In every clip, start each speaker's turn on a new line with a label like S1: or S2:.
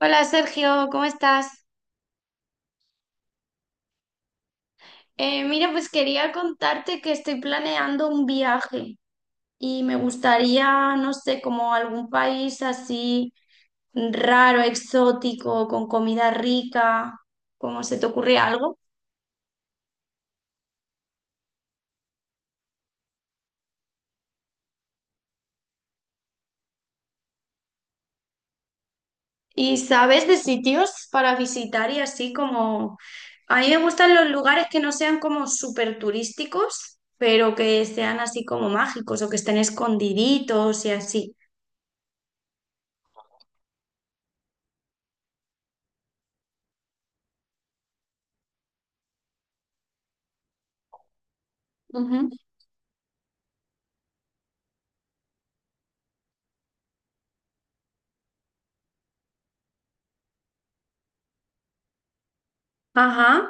S1: Hola Sergio, ¿cómo estás? Mira, pues quería contarte que estoy planeando un viaje y me gustaría, no sé, como algún país así raro, exótico, con comida rica. ¿Cómo se te ocurre algo? ¿Y sabes de sitios para visitar y así como. A mí me gustan los lugares que no sean como súper turísticos, pero que sean así como mágicos o que estén escondiditos y así. Ujú. Ajá.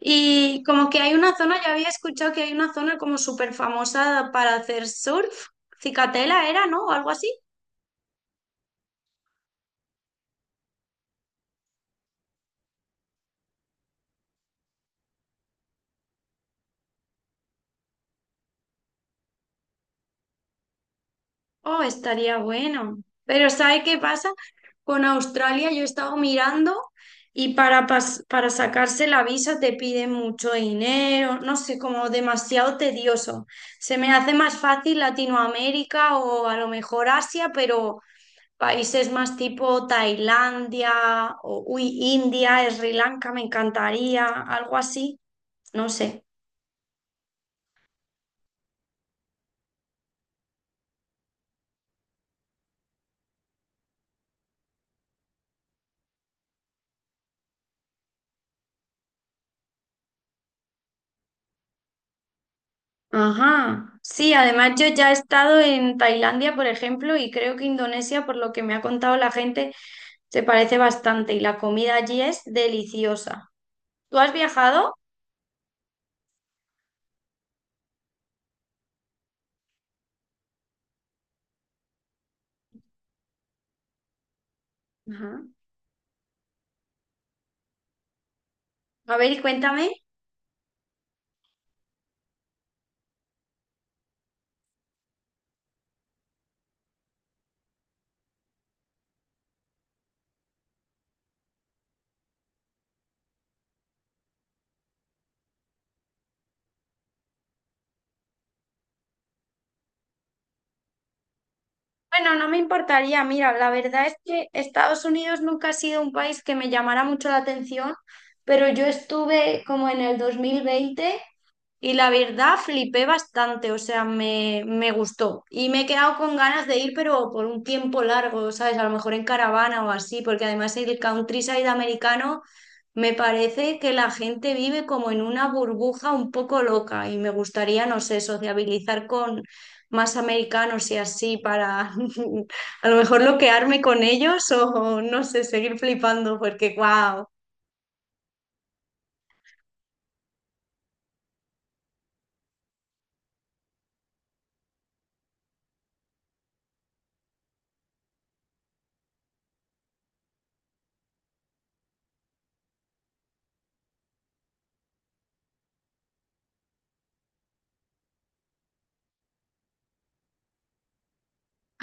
S1: Y como que hay una zona, ya había escuchado que hay una zona como súper famosa para hacer surf. Cicatela era, ¿no? O algo así. Oh, estaría bueno. Pero ¿sabe qué pasa? Con Australia yo he estado mirando y para sacarse la visa te piden mucho dinero, no sé, como demasiado tedioso. Se me hace más fácil Latinoamérica o a lo mejor Asia, pero países más tipo Tailandia o uy, India, Sri Lanka, me encantaría, algo así, no sé. Ajá. Sí, además yo ya he estado en Tailandia, por ejemplo, y creo que Indonesia, por lo que me ha contado la gente, se parece bastante y la comida allí es deliciosa. ¿Tú has viajado? Ajá. A ver, y cuéntame. Bueno, no me importaría. Mira, la verdad es que Estados Unidos nunca ha sido un país que me llamara mucho la atención, pero yo estuve como en el 2020. Y la verdad flipé bastante. O sea, me gustó. Y me he quedado con ganas de ir, pero por un tiempo largo, ¿sabes? A lo mejor en caravana o así, porque además el countryside americano me parece que la gente vive como en una burbuja un poco loca y me gustaría, no sé, sociabilizar con más americanos y así para a lo mejor loquearme con ellos o no sé, seguir flipando porque wow.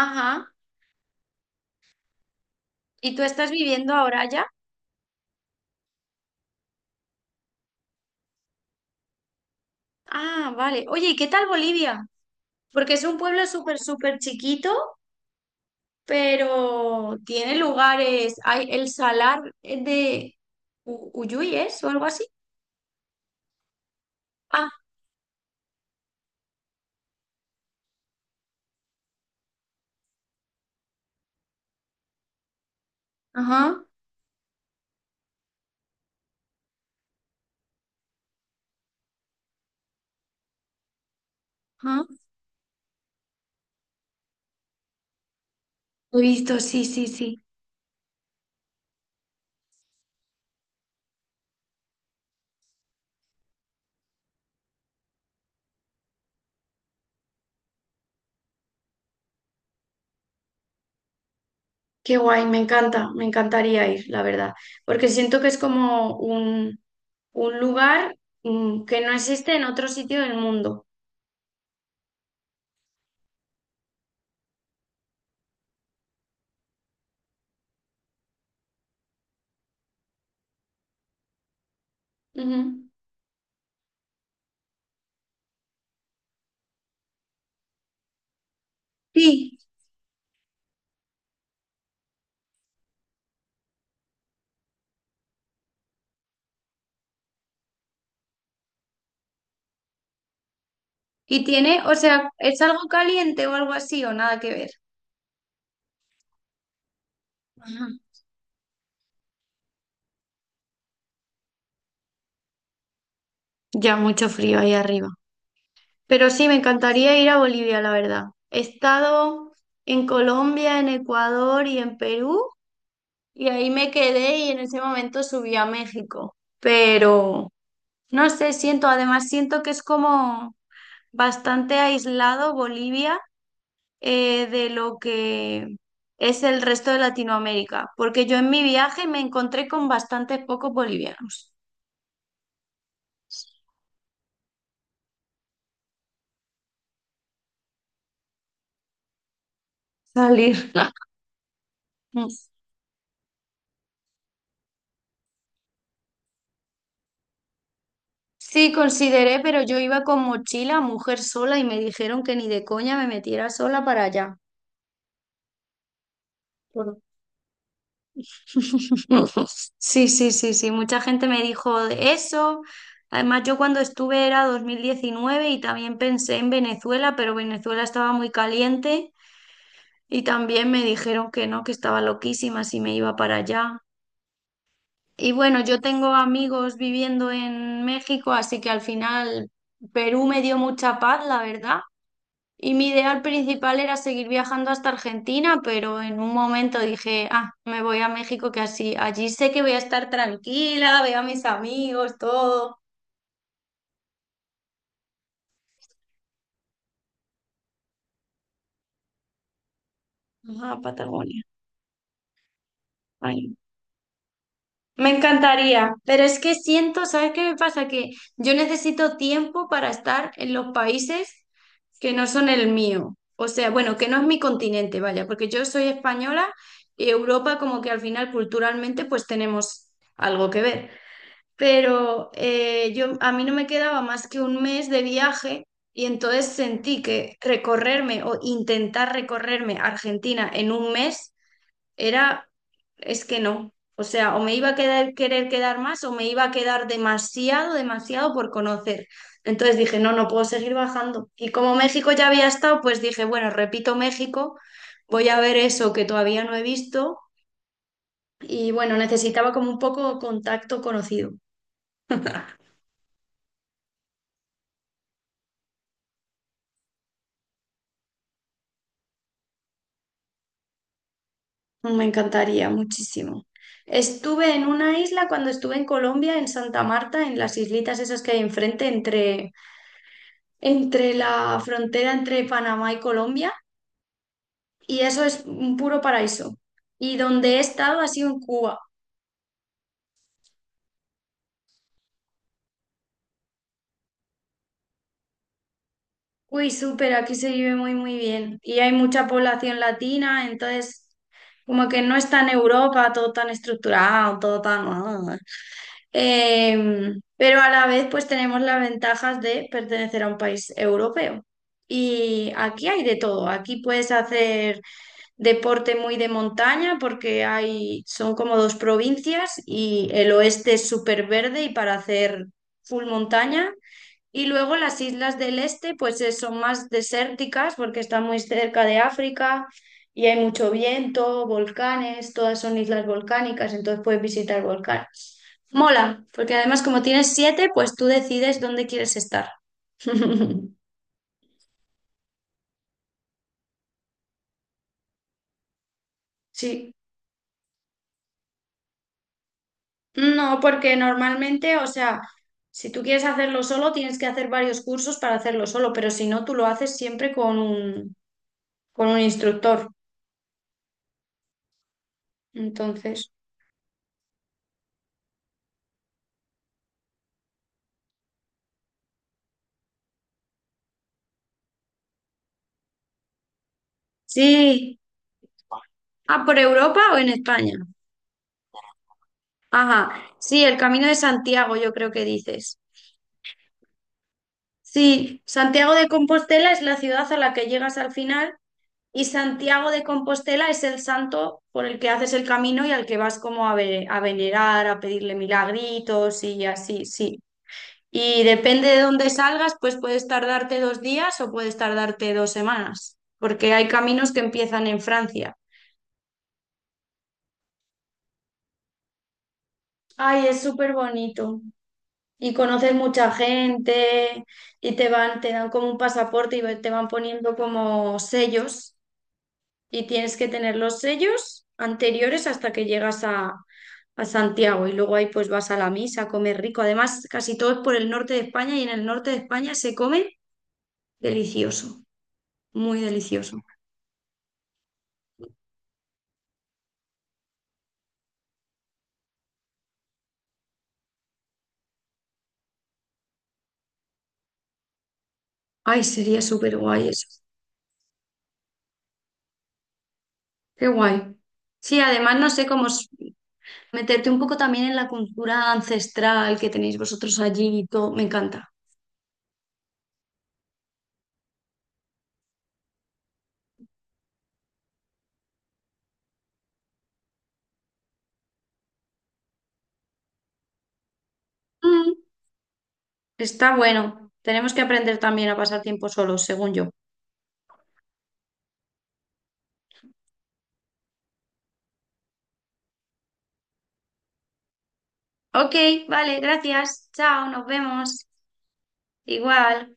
S1: Ajá. ¿Y tú estás viviendo ahora ya? Ah, vale. Oye, ¿y qué tal Bolivia? Porque es un pueblo súper, súper chiquito, pero tiene lugares. Hay el Salar de Uyui, ¿es? O algo así. Ah, ajá, ajá. Lo he visto, sí, sí, sí. Qué guay, me encanta, me encantaría ir, la verdad. Porque siento que es como un lugar que no existe en otro sitio del mundo. Ujú. Sí. Y tiene, o sea, ¿es algo caliente o algo así o nada que ver? Ya mucho frío ahí arriba. Pero sí, me encantaría ir a Bolivia, la verdad. He estado en Colombia, en Ecuador y en Perú, y ahí me quedé y en ese momento subí a México. Pero no sé, siento, además siento que es como bastante aislado Bolivia de lo que es el resto de Latinoamérica, porque yo en mi viaje me encontré con bastantes pocos bolivianos. Salir. Sí, consideré, pero yo iba con mochila, mujer sola, y me dijeron que ni de coña me metiera sola para allá. Por- Sí, sí, sí, sí, mucha gente me dijo eso. Además, yo cuando estuve era 2019 y también pensé en Venezuela, pero Venezuela estaba muy caliente y también me dijeron que no, que estaba loquísima si me iba para allá. Y bueno, yo tengo amigos viviendo en México, así que al final Perú me dio mucha paz, la verdad. Y mi ideal principal era seguir viajando hasta Argentina, pero en un momento dije, ah, me voy a México, que así, allí sé que voy a estar tranquila, veo a mis amigos, todo. Ah, Patagonia. Ay, me encantaría, pero es que siento, ¿sabes qué me pasa? Que yo necesito tiempo para estar en los países que no son el mío. O sea, bueno, que no es mi continente, vaya, porque yo soy española y Europa como que al final culturalmente pues tenemos algo que ver. Pero a mí no me quedaba más que un mes de viaje y entonces sentí que recorrerme o intentar recorrerme Argentina en un mes era, es que no. O sea, o me iba a quedar, querer quedar más o me iba a quedar demasiado, demasiado por conocer. Entonces dije, no, no puedo seguir bajando. Y como México ya había estado, pues dije, bueno, repito México, voy a ver eso que todavía no he visto. Y bueno, necesitaba como un poco contacto conocido. Me encantaría muchísimo. Estuve en una isla cuando estuve en Colombia, en Santa Marta, en las islitas esas que hay enfrente, entre la frontera entre Panamá y Colombia, y eso es un puro paraíso. Y donde he estado ha sido en Cuba. Uy, súper, aquí se vive muy, muy bien. Y hay mucha población latina, entonces como que no está en Europa todo tan estructurado, todo tan. Ah, pero a la vez, pues tenemos las ventajas de pertenecer a un país europeo. Y aquí hay de todo. Aquí puedes hacer deporte muy de montaña porque son como dos provincias y el oeste es súper verde y para hacer full montaña. Y luego las islas del este, pues son más desérticas porque están muy cerca de África y hay mucho viento, volcanes, todas son islas volcánicas, entonces puedes visitar volcanes. Mola, porque además como tienes siete, pues tú decides dónde quieres estar. Sí. No, porque normalmente, o sea, si tú quieres hacerlo solo, tienes que hacer varios cursos para hacerlo solo, pero si no, tú lo haces siempre con un instructor. Entonces, sí. Ah, ¿por Europa o en España? Ajá, sí, el Camino de Santiago, yo creo que dices. Sí, Santiago de Compostela es la ciudad a la que llegas al final y Santiago de Compostela es el santo por el que haces el camino y al que vas como a venerar, a pedirle milagritos y así, sí. Y depende de dónde salgas, pues puedes tardarte 2 días o puedes tardarte 2 semanas, porque hay caminos que empiezan en Francia. Ay, es súper bonito. Y conoces mucha gente y te dan como un pasaporte y te van poniendo como sellos y tienes que tener los sellos anteriores hasta que llegas a Santiago y luego ahí pues vas a la misa a comer rico. Además, casi todo es por el norte de España y en el norte de España se come delicioso, muy delicioso. Ay, sería súper guay eso. Qué guay. Sí, además no sé meterte un poco también en la cultura ancestral que tenéis vosotros allí y todo. Me encanta. Mm. Está bueno. Tenemos que aprender también a pasar tiempo solos, según yo. Ok, vale, gracias. Chao, nos vemos. Igual.